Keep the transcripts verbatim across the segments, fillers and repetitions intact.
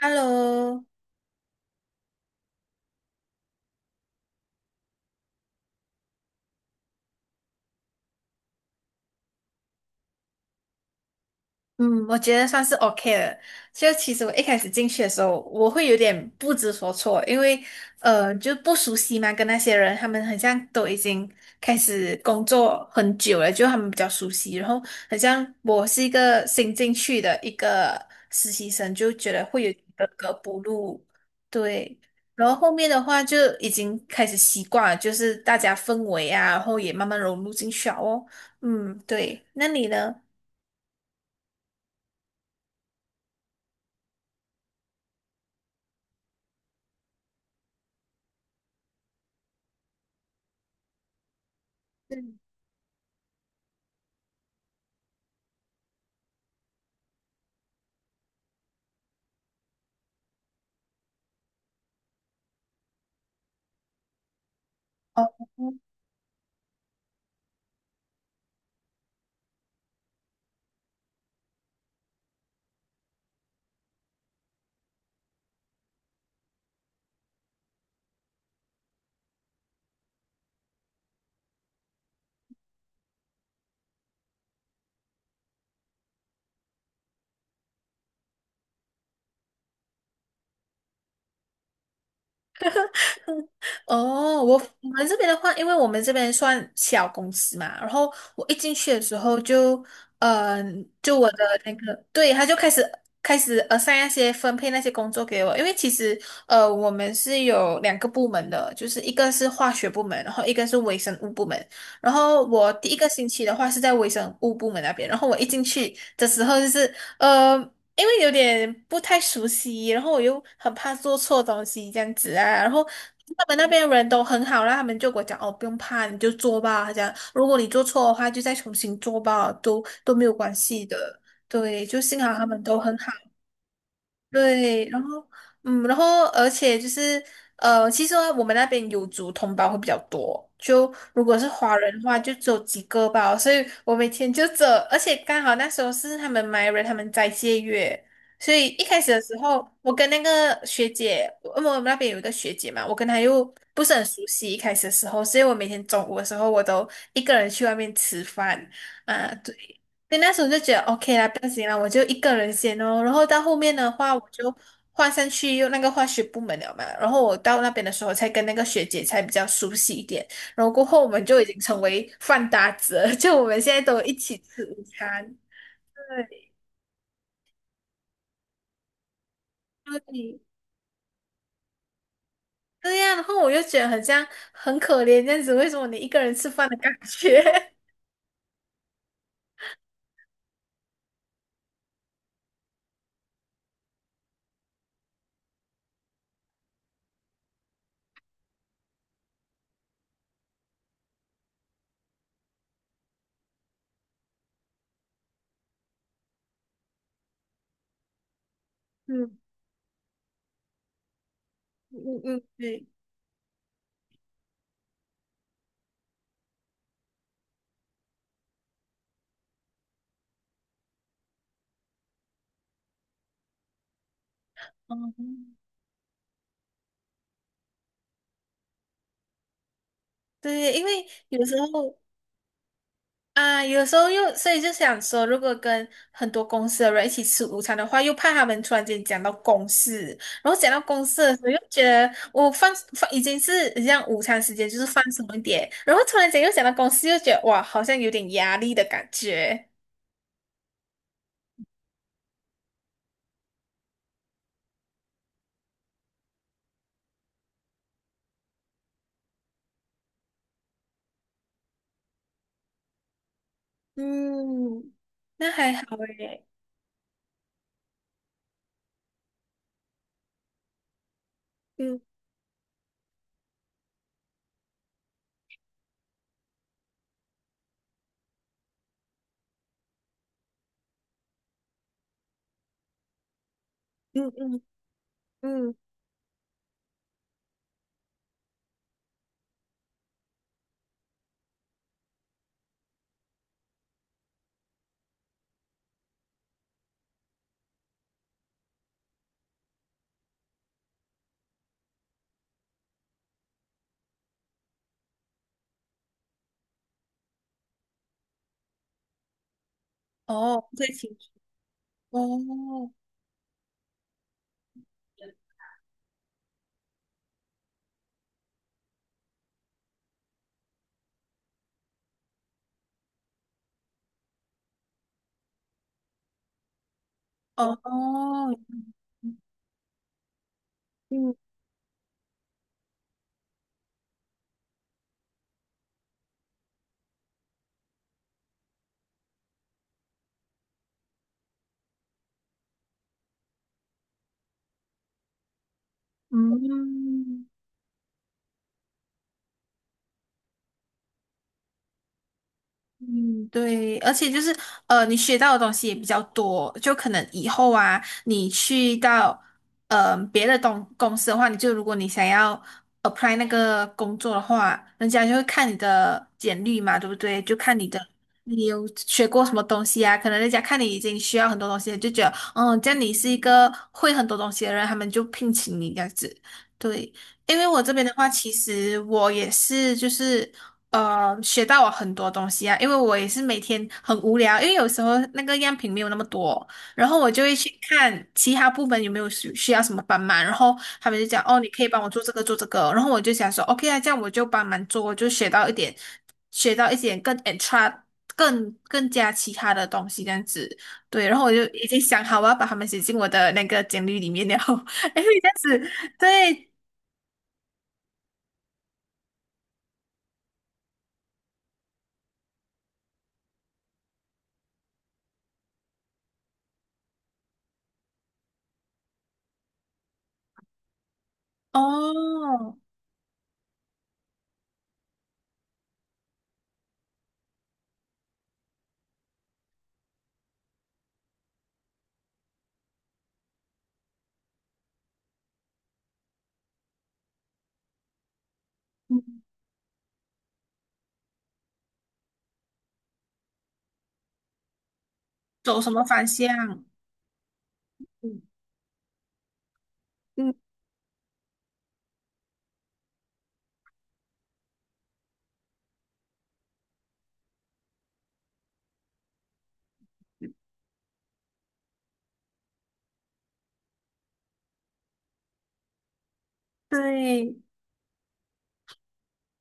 Hello，嗯，我觉得算是 OK 了。就其实我一开始进去的时候，我会有点不知所措，因为呃就不熟悉嘛，跟那些人他们很像都已经开始工作很久了，就他们比较熟悉。然后很像我是一个新进去的一个实习生，就觉得会有点格格不入。对，然后后面的话就已经开始习惯了，就是大家氛围啊，然后也慢慢融入进去了哦。嗯，对，那你呢？嗯哦哦，我我们这边的话，因为我们这边算小公司嘛，然后我一进去的时候就，嗯、就我的那个，对，他就开始开始 assign 那些分配那些工作给我，因为其实呃，我们是有两个部门的，就是一个是化学部门，然后一个是微生物部门，然后我第一个星期的话是在微生物部门那边，然后我一进去的时候就是。呃，因为有点不太熟悉，然后我又很怕做错东西这样子啊。然后他们那边人都很好啦，他们就给我讲哦，不用怕，你就做吧。他讲如果你做错的话，就再重新做吧，都都没有关系的。对，就幸好他们都很好。对，然后嗯，然后而且就是呃，其实呢我们那边有族同胞会比较多，就如果是华人的话，就只有几个吧，所以我每天就走，而且刚好那时候是他们 m r 人他们斋戒月，所以一开始的时候，我跟那个学姐，因为我们那边有一个学姐嘛，我跟她又不是很熟悉，一开始的时候，所以我每天中午的时候，我都一个人去外面吃饭啊，对。对，那时候就觉得 OK 啦，不行啦，我就一个人先哦。然后到后面的话，我就换上去用那个化学部门了嘛。然后我到那边的时候，才跟那个学姐才比较熟悉一点。然后过后，我们就已经成为饭搭子了，就我们现在都一起吃午餐。对，对，对呀。然后我就觉得很像很可怜这样子，为什么你一个人吃饭的感觉？嗯嗯嗯，对，嗯，对，因为有时候。啊，有时候又，所以就想说，如果跟很多公司的人一起吃午餐的话，又怕他们突然间讲到公事，然后讲到公事的时候，又觉得我放放已经是这样，午餐时间，就是放松一点，然后突然间又讲到公司，又觉得哇，好像有点压力的感觉。嗯那还好诶，嗯嗯嗯嗯哦，不太清楚，哦哦哦，嗯，嗯嗯。嗯，对，而且就是呃，你学到的东西也比较多，就可能以后啊，你去到呃别的东公司的话，你就如果你想要 apply 那个工作的话，人家就会看你的简历嘛，对不对？就看你的你有学过什么东西啊，可能人家看你已经需要很多东西了就觉得嗯，这样你是一个会很多东西的人，他们就聘请你这样子。对，因为我这边的话，其实我也是就是。呃，学到我很多东西啊，因为我也是每天很无聊，因为有时候那个样品没有那么多，然后我就会去看其他部门有没有需需要什么帮忙，然后他们就讲哦，你可以帮我做这个做这个，然后我就想说 OK 啊，这样我就帮忙做，我就学到一点，学到一点更 extra 更更加其他的东西这样子，对，然后我就已经想好我要把他们写进我的那个简历里面了，后为这样子对哦，嗯走什么方向？嗯嗯，对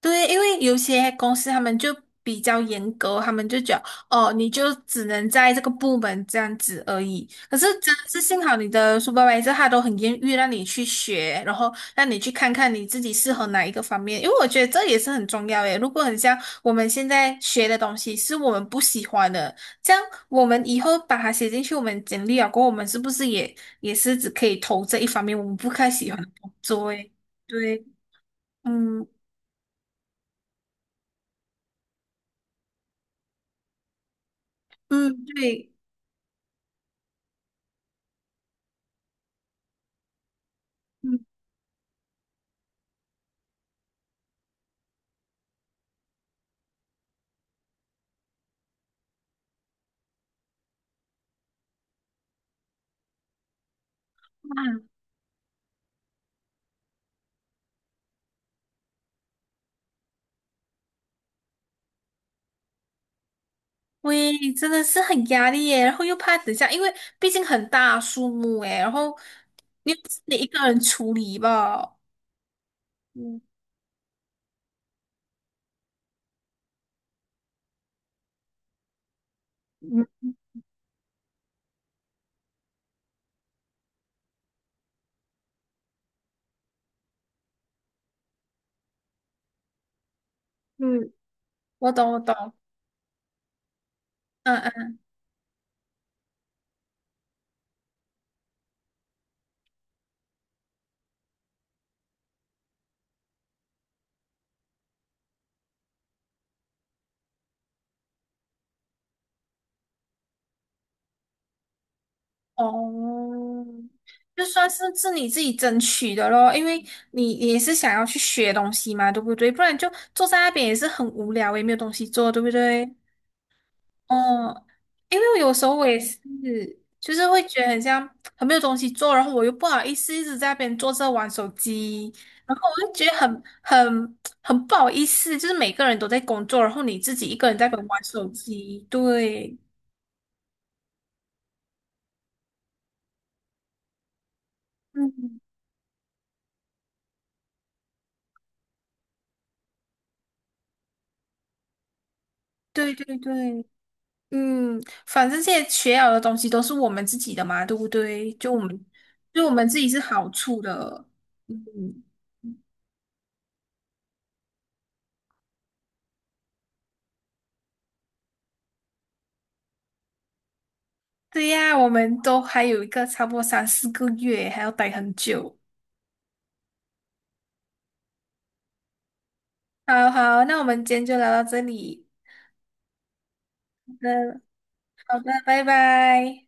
对，因为有些公司他们就比较严格，他们就觉得哦，你就只能在这个部门这样子而已。可是真的是幸好你的 s u p e r v i s o 他都很愿意让你去学，然后让你去看看你自己适合哪一个方面，因为我觉得这也是很重要诶。如果很像我们现在学的东西是我们不喜欢的，这样我们以后把它写进去我们简历了过后，我们是不是也也是只可以投这一方面我们不太喜欢的工作诶？对。嗯，嗯，对，嗯，嗯，喂，真的是很压力耶，然后又怕等一下，因为毕竟很大数目诶，然后你又不是你一个人处理吧？嗯嗯嗯，我懂我懂，嗯嗯，哦，就算是是你自己争取的咯，因为你你也是想要去学东西嘛，对不对？不然就坐在那边也是很无聊，也没有东西做，对不对？哦，因为有时候我也是，就是会觉得很像很没有东西做，然后我又不好意思一直在那边坐着玩手机，然后我就觉得很很很不好意思，就是每个人都在工作，然后你自己一个人在那边玩手机，对，嗯，对对对，嗯，反正这些学了的东西都是我们自己的嘛，对不对？就我们对我们自己是好处的，嗯，对呀，我们都还有一个差不多三四个月，还要待很久。好好，那我们今天就聊到这里。好的，好的，拜拜。